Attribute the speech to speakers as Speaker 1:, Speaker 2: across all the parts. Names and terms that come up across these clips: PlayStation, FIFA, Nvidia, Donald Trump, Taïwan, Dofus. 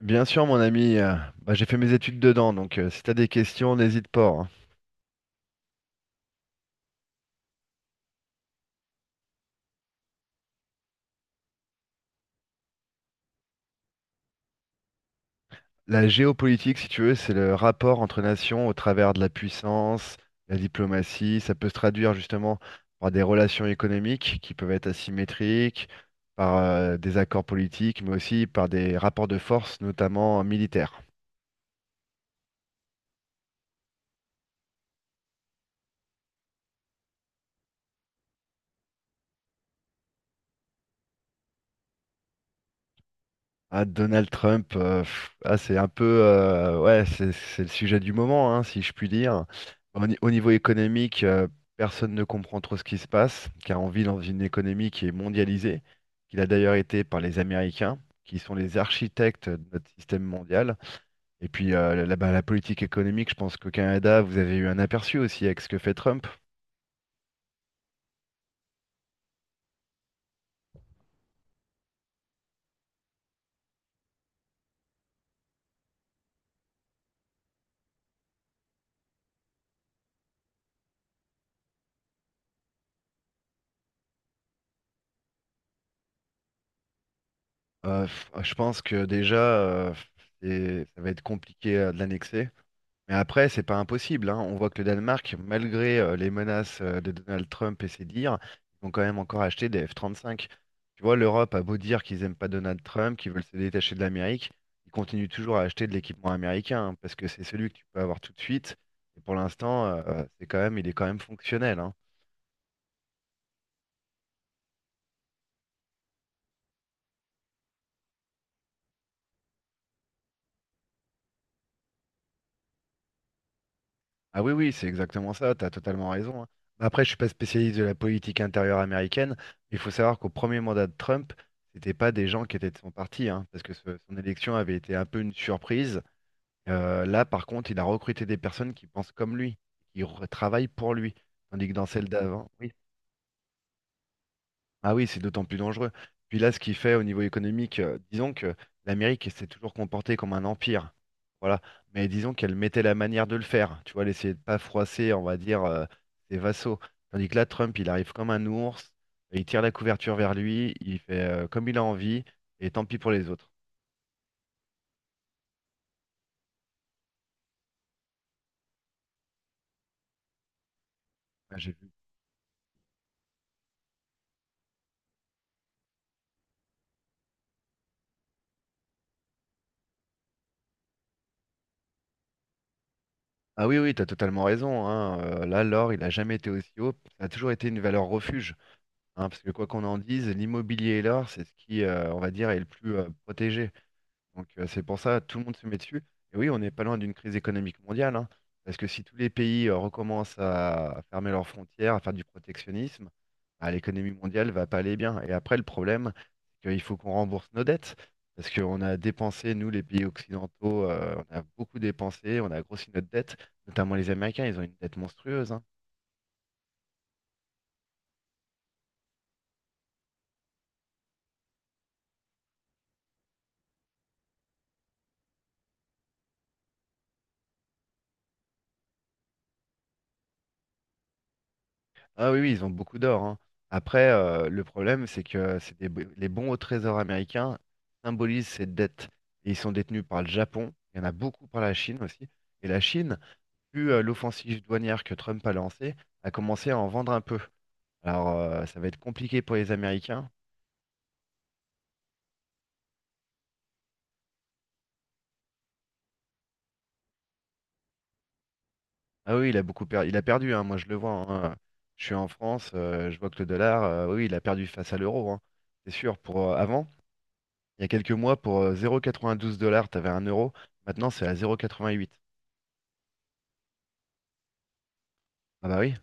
Speaker 1: Bien sûr, mon ami, j'ai fait mes études dedans, donc si tu as des questions, n'hésite pas, hein. La géopolitique, si tu veux, c'est le rapport entre nations au travers de la puissance, la diplomatie. Ça peut se traduire justement par des relations économiques qui peuvent être asymétriques, par des accords politiques, mais aussi par des rapports de force, notamment militaires. Ah, Donald Trump, ah, c'est un peu, ouais, c'est le sujet du moment, hein, si je puis dire. Au niveau économique, personne ne comprend trop ce qui se passe, car on vit dans une économie qui est mondialisée, qu'il a d'ailleurs été par les Américains, qui sont les architectes de notre système mondial. Et puis, la politique économique, je pense qu'au Canada, vous avez eu un aperçu aussi avec ce que fait Trump. Je pense que déjà, ça va être compliqué de l'annexer. Mais après, c'est pas impossible, hein. On voit que le Danemark, malgré les menaces de Donald Trump et ses dires, ils ont quand même encore acheté des F-35. Tu vois, l'Europe a beau dire qu'ils aiment pas Donald Trump, qu'ils veulent se détacher de l'Amérique, ils continuent toujours à acheter de l'équipement américain, hein, parce que c'est celui que tu peux avoir tout de suite. Et pour l'instant, c'est quand même, il est quand même fonctionnel, hein. Ah oui, oui, c'est exactement ça, tu as totalement raison, hein. Après, je suis pas spécialiste de la politique intérieure américaine, mais il faut savoir qu'au premier mandat de Trump, c'était pas des gens qui étaient de son parti, hein, parce que son élection avait été un peu une surprise. Là, par contre, il a recruté des personnes qui pensent comme lui, qui travaillent pour lui. Tandis que dans celle d'avant, oui, ah oui, c'est d'autant plus dangereux. Puis là, ce qu'il fait au niveau économique, disons que l'Amérique s'est toujours comportée comme un empire. Voilà. Mais disons qu'elle mettait la manière de le faire. Tu vois, elle essayait de pas froisser, on va dire, ses vassaux. Tandis que là, Trump, il arrive comme un ours, il tire la couverture vers lui, il fait comme il a envie, et tant pis pour les autres. Ah, j'ai vu. Ah oui, oui, t'as totalement raison, hein. Là, l'or, il a jamais été aussi haut. Ça a toujours été une valeur refuge, hein, parce que quoi qu'on en dise, l'immobilier et l'or, c'est ce qui, on va dire, est le plus protégé. Donc c'est pour ça tout le monde se met dessus. Et oui, on n'est pas loin d'une crise économique mondiale, hein, parce que si tous les pays recommencent à fermer leurs frontières, à faire du protectionnisme, bah, l'économie mondiale va pas aller bien. Et après, le problème, c'est qu'il faut qu'on rembourse nos dettes, parce qu'on a dépensé, nous, les pays occidentaux, on a beaucoup dépensé, on a grossi notre dette, notamment les Américains, ils ont une dette monstrueuse, hein. Ah oui, oui, ils ont beaucoup d'or, hein. Après, le problème, c'est que les bons au trésor américains symbolisent ces dettes. Et ils sont détenus par le Japon, il y en a beaucoup par la Chine aussi. Et la Chine, vu l'offensive douanière que Trump a lancée, a commencé à en vendre un peu. Alors, ça va être compliqué pour les Américains. Ah oui, il a beaucoup perdu. Il a perdu, hein, moi je le vois, hein. Je suis en France, je vois que le dollar, oui, il a perdu face à l'euro, hein. C'est sûr, pour avant. Il y a quelques mois, pour 0,92 dollars, t'avais un euro. Maintenant, c'est à 0,88. Ah bah oui.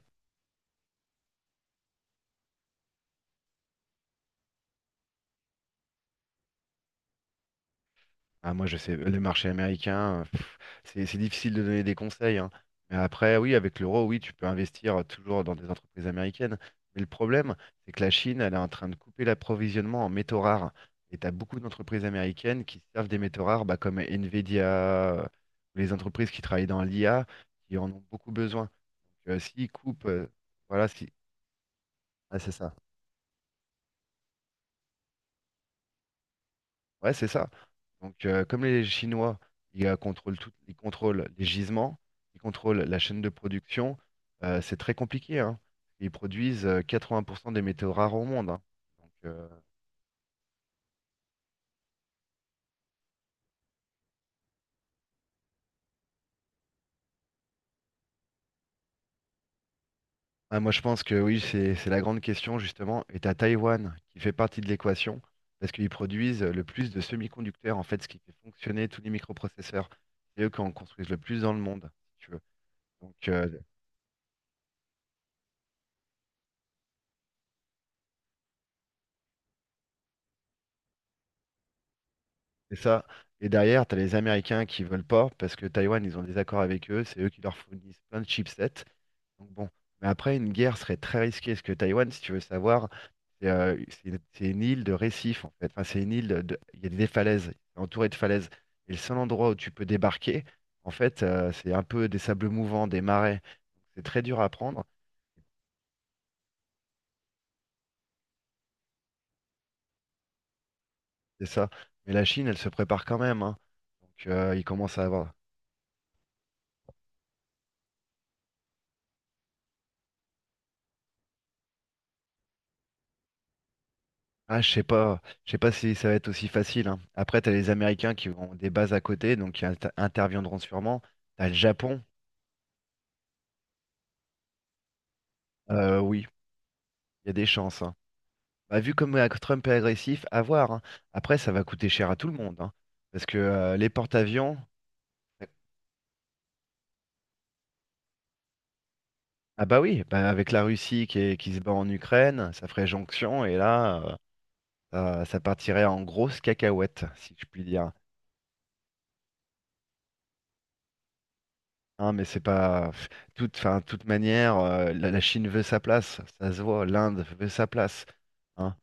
Speaker 1: Ah, moi, je sais, le marché américain, c'est difficile de donner des conseils, hein. Mais après, oui, avec l'euro, oui, tu peux investir toujours dans des entreprises américaines. Mais le problème, c'est que la Chine, elle est en train de couper l'approvisionnement en métaux rares. Et tu as beaucoup d'entreprises américaines qui se servent des métaux rares, bah, comme Nvidia, euh, les entreprises qui travaillent dans l'IA, qui en ont beaucoup besoin. Donc, s'ils coupent, voilà, si... Ah, c'est ça. Ouais, c'est ça. Donc, comme les Chinois, ils contrôlent tout, ils contrôlent les gisements, ils contrôlent la chaîne de production, c'est très compliqué, hein. Ils produisent 80% des métaux rares au monde, hein. Donc, euh, ah, moi, je pense que oui, c'est la grande question, justement. Et t'as Taïwan qui fait partie de l'équation parce qu'ils produisent le plus de semi-conducteurs, en fait, ce qui fait fonctionner tous les microprocesseurs. C'est eux qui en construisent le plus dans le monde, si tu veux. Donc, euh, C'est ça. Et derrière, tu as les Américains qui veulent pas parce que Taïwan, ils ont des accords avec eux, c'est eux qui leur fournissent plein de chipsets. Donc bon, mais après, une guerre serait très risquée parce que Taïwan, si tu veux savoir, c'est une île de récifs en fait. Enfin, c'est une île il y a des falaises, c'est entouré de falaises. Et le seul endroit où tu peux débarquer, en fait, c'est un peu des sables mouvants, des marais. C'est très dur à prendre, c'est ça. Mais la Chine, elle se prépare quand même, hein. Ils commencent à avoir. Ah, je sais pas si ça va être aussi facile, hein. Après, t'as les Américains qui ont des bases à côté, donc qui interviendront sûrement. T'as le Japon, oui, il y a des chances, hein. Bah, vu comme Trump est agressif, à voir, hein. Après, ça va coûter cher à tout le monde, hein, parce que les porte-avions, ah bah oui, bah avec la Russie qui, qui se bat en Ukraine, ça ferait jonction et là, ça, ça partirait en grosse cacahuète, si je puis dire. Hein, mais c'est pas pff, enfin, toute manière, la Chine veut sa place, ça se voit, l'Inde veut sa place, hein.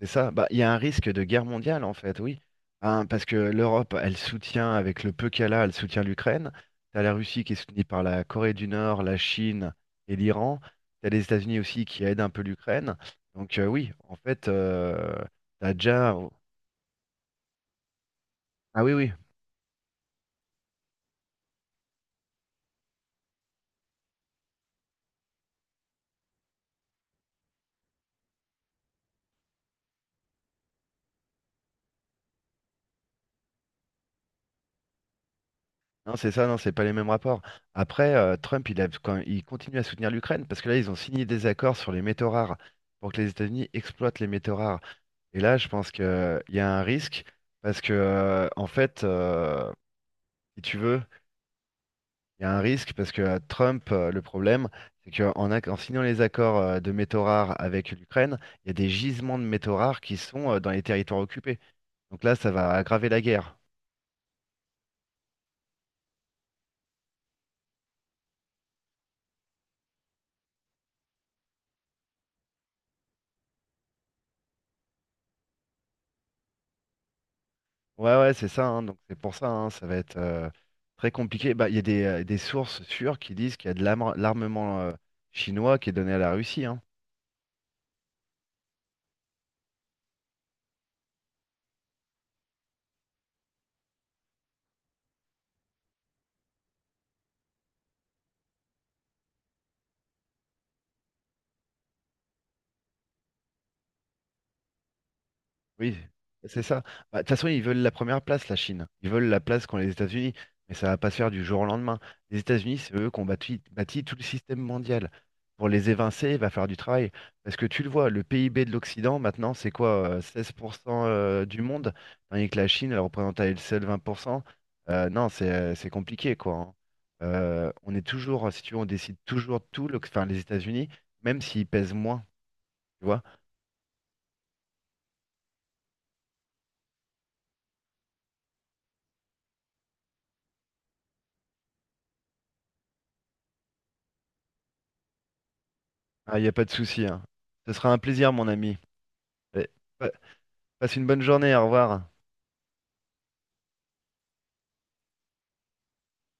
Speaker 1: C'est ça. Bah, il y a un risque de guerre mondiale en fait, oui, hein, parce que l'Europe, elle soutient avec le peu qu'elle a, elle soutient l'Ukraine. T'as la Russie qui est soutenue par la Corée du Nord, la Chine et l'Iran. T'as les États-Unis aussi qui aident un peu l'Ukraine. Oui, en fait, t'as déjà. Ah oui, oui. Non, c'est ça, non, c'est pas les mêmes rapports. Après, Trump, il continue à soutenir l'Ukraine parce que là, ils ont signé des accords sur les métaux rares pour que les États-Unis exploitent les métaux rares. Et là, je pense qu'il y a un risque parce que, en fait, si tu veux, il y a un risque parce que le problème, c'est qu'en en signant les accords de métaux rares avec l'Ukraine, il y a des gisements de métaux rares qui sont dans les territoires occupés. Donc là, ça va aggraver la guerre. Ouais, ouais, c'est ça, hein. Donc c'est pour ça, hein, ça va être très compliqué. Bah, il y a des sources sûres qui disent qu'il y a de l'armement chinois qui est donné à la Russie, hein. Oui, c'est ça. Bah, de toute façon, ils veulent la première place, la Chine. Ils veulent la place qu'ont les États-Unis, mais ça va pas se faire du jour au lendemain. Les États-Unis, c'est eux qui ont bâti tout le système mondial. Pour les évincer, il va falloir du travail. Parce que tu le vois, le PIB de l'Occident, maintenant, c'est quoi? 16% du monde, tandis que la Chine, elle représente à elle seule 20%. Non, c'est compliqué, quoi, hein. On est toujours, si tu veux, on décide toujours de tout, enfin, les États-Unis, même s'ils pèsent moins, tu vois. Ah, il n'y a pas de souci, hein. Ce sera un plaisir, mon ami. Allez, pa- passe une bonne journée, au revoir.